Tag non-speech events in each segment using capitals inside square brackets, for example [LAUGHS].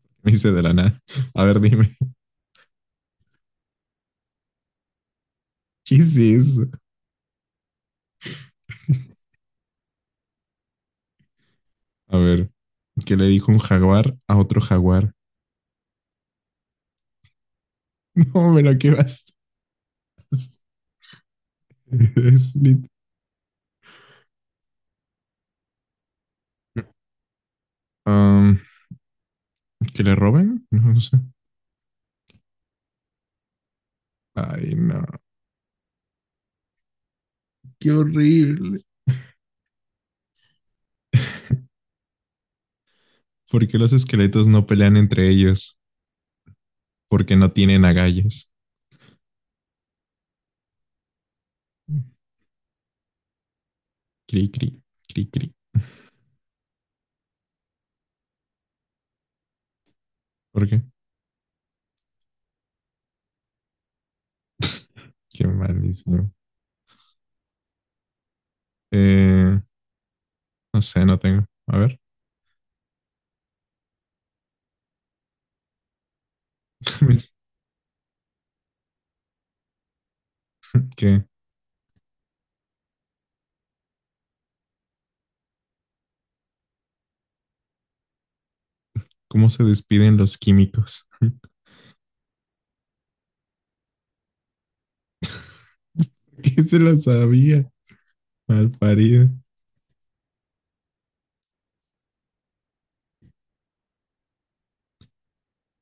[LAUGHS] Me hice de la nada. A ver, dime. [LAUGHS] ¿Qué es eso? A ver, ¿qué le dijo un jaguar a otro jaguar? [LAUGHS] No, pero qué bastas. [LAUGHS] Es Am, ¿que le roben? No sé. Ay, no. Qué horrible. ¿Por qué los esqueletos no pelean entre ellos? Porque no tienen agallas. Cri, cri, cri, cri. ¿Por qué? [LAUGHS] Qué malísimo. Eh, no sé, no tengo. A ver, [LAUGHS] ¿qué? ¿Cómo se despiden los químicos? [LAUGHS] ¿Qué se la sabía? Mal parido.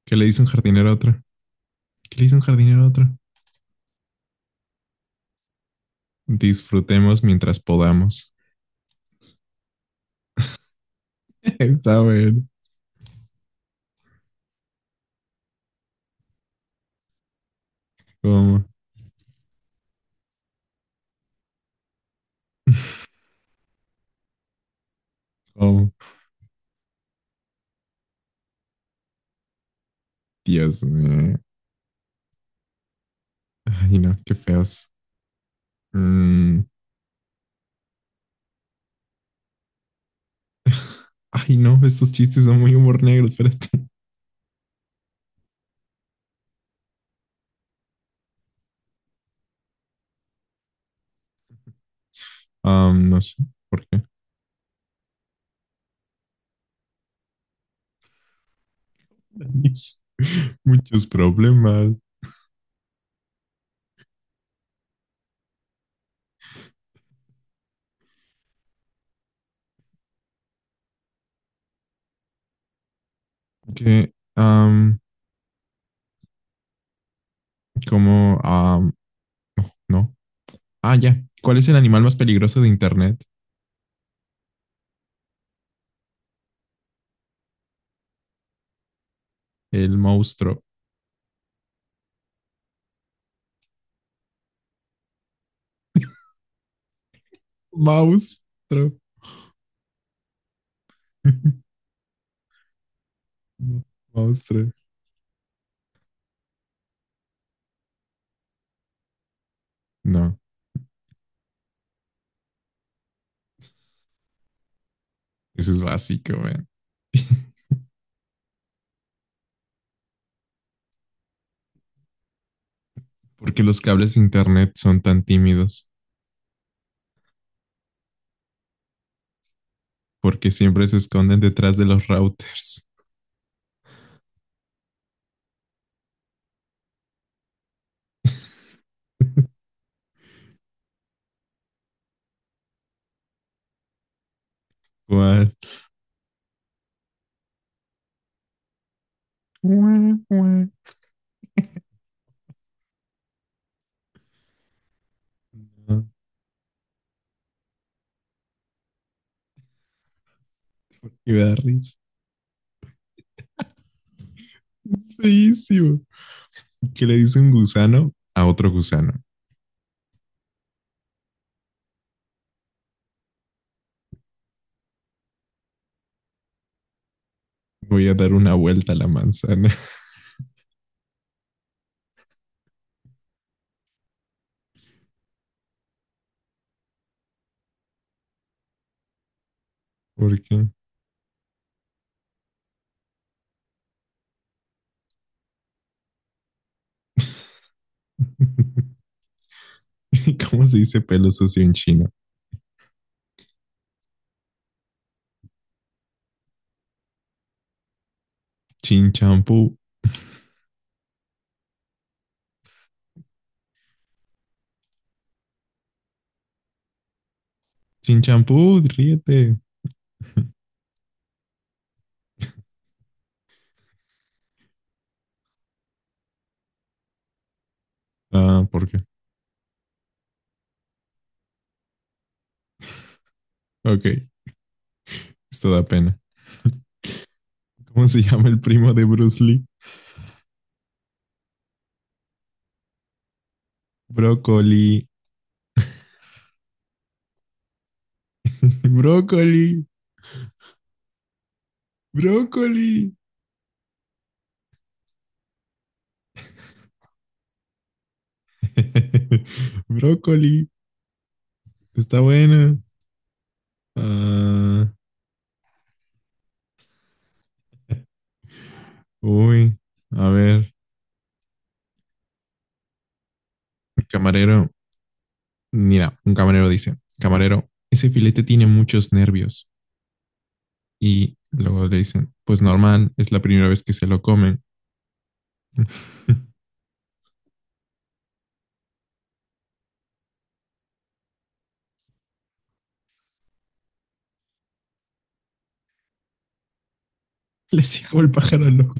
¿Qué le dice un jardinero a otro? ¿Qué le dice un jardinero a otro? Disfrutemos mientras podamos. [LAUGHS] Está bueno. ¿Cómo? [LAUGHS] Oh, Dios mío. Ay, no, qué feos. Mm. [LAUGHS] Ay, no, estos chistes son muy humor negro, espérate. No sé por qué. [LAUGHS] Muchos problemas. Que, um, como, um, no. Ah, ya. ¿Cuál es el animal más peligroso de Internet? El monstruo. Monstruo. [LAUGHS] Monstruo. No, eso es básico, man. [LAUGHS] ¿Porque los cables de internet son tan tímidos? Porque siempre se esconden detrás de los routers. ¿Cuál? Guau, guau. No, y me da risa. Feísimo. ¿Qué le dice un gusano a otro gusano? Voy a dar una vuelta a la manzana. [LAUGHS] ¿Por qué? [LAUGHS] ¿Cómo se dice pelo sucio en chino? Chin champú. Chin champú, ríete. [LAUGHS] Ah, ¿por qué? Ok, esto da pena. ¿Cómo se llama el primo de Bruce Lee? Brócoli. [LAUGHS] Brócoli. Brócoli. [LAUGHS] Brócoli. Está buena. Ah, uy. A ver. Camarero. Mira, un camarero dice, camarero, ese filete tiene muchos nervios. Y luego le dicen, pues normal, es la primera vez que se lo comen. [LAUGHS] Le sigo el pájaro loco.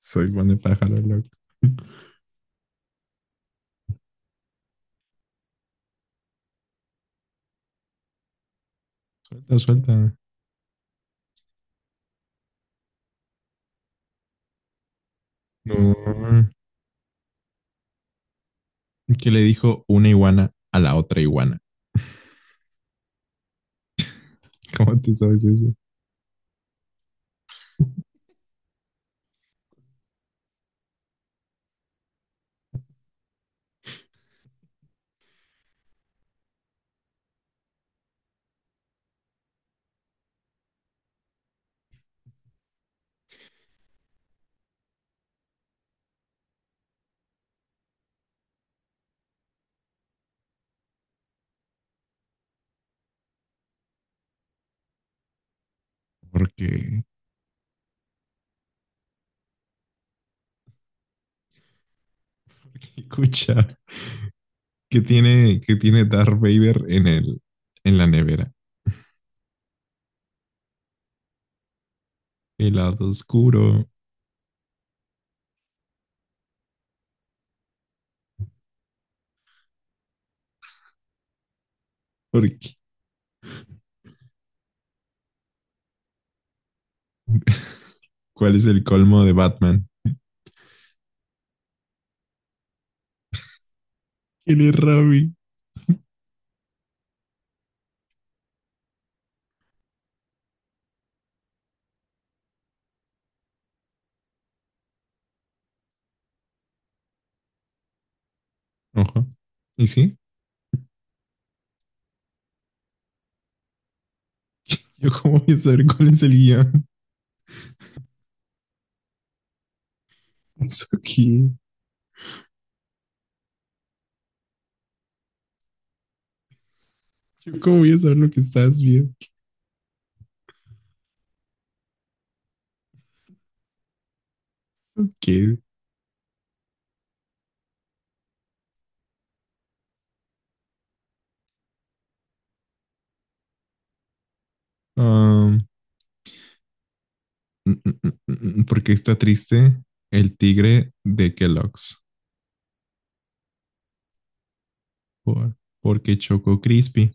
Soy buen de pájaro loco. Suelta, suelta. No. ¿Que le dijo una iguana a la otra iguana? [LAUGHS] ¿Cómo te sabes eso? Porque, porque escucha, ¿qué tiene Darth Vader en en la nevera? El lado oscuro. Porque, [LAUGHS] ¿cuál es el colmo de Batman? ¿Quién es Ravi? Ojo. ¿Y sí? ¿Yo cómo voy a saber cuál es el guión? [LAUGHS] It's okay. ¿Yo cómo voy a saber lo que estás viendo? ¿Qué? Um, mm, mm, mm, mm, mm, ¿Por qué está triste el tigre de Kellogg's? Por- Porque Choco Crispy,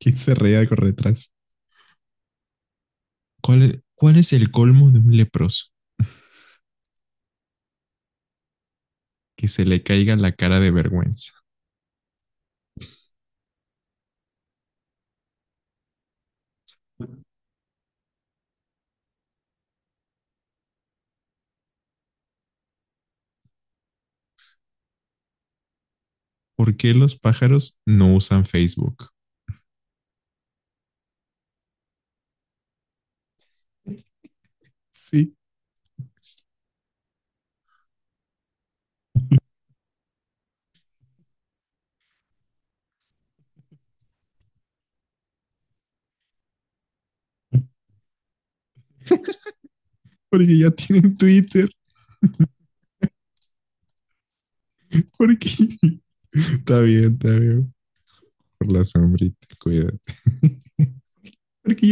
que se reía por detrás. ¿Cuál es el colmo de un leproso? Que se le caiga la cara de vergüenza. ¿Por qué los pájaros no usan Facebook? Sí, porque ya tienen Twitter. Porque... [LAUGHS] Está bien, está bien. Por la sombrita, cuídate. [LAUGHS]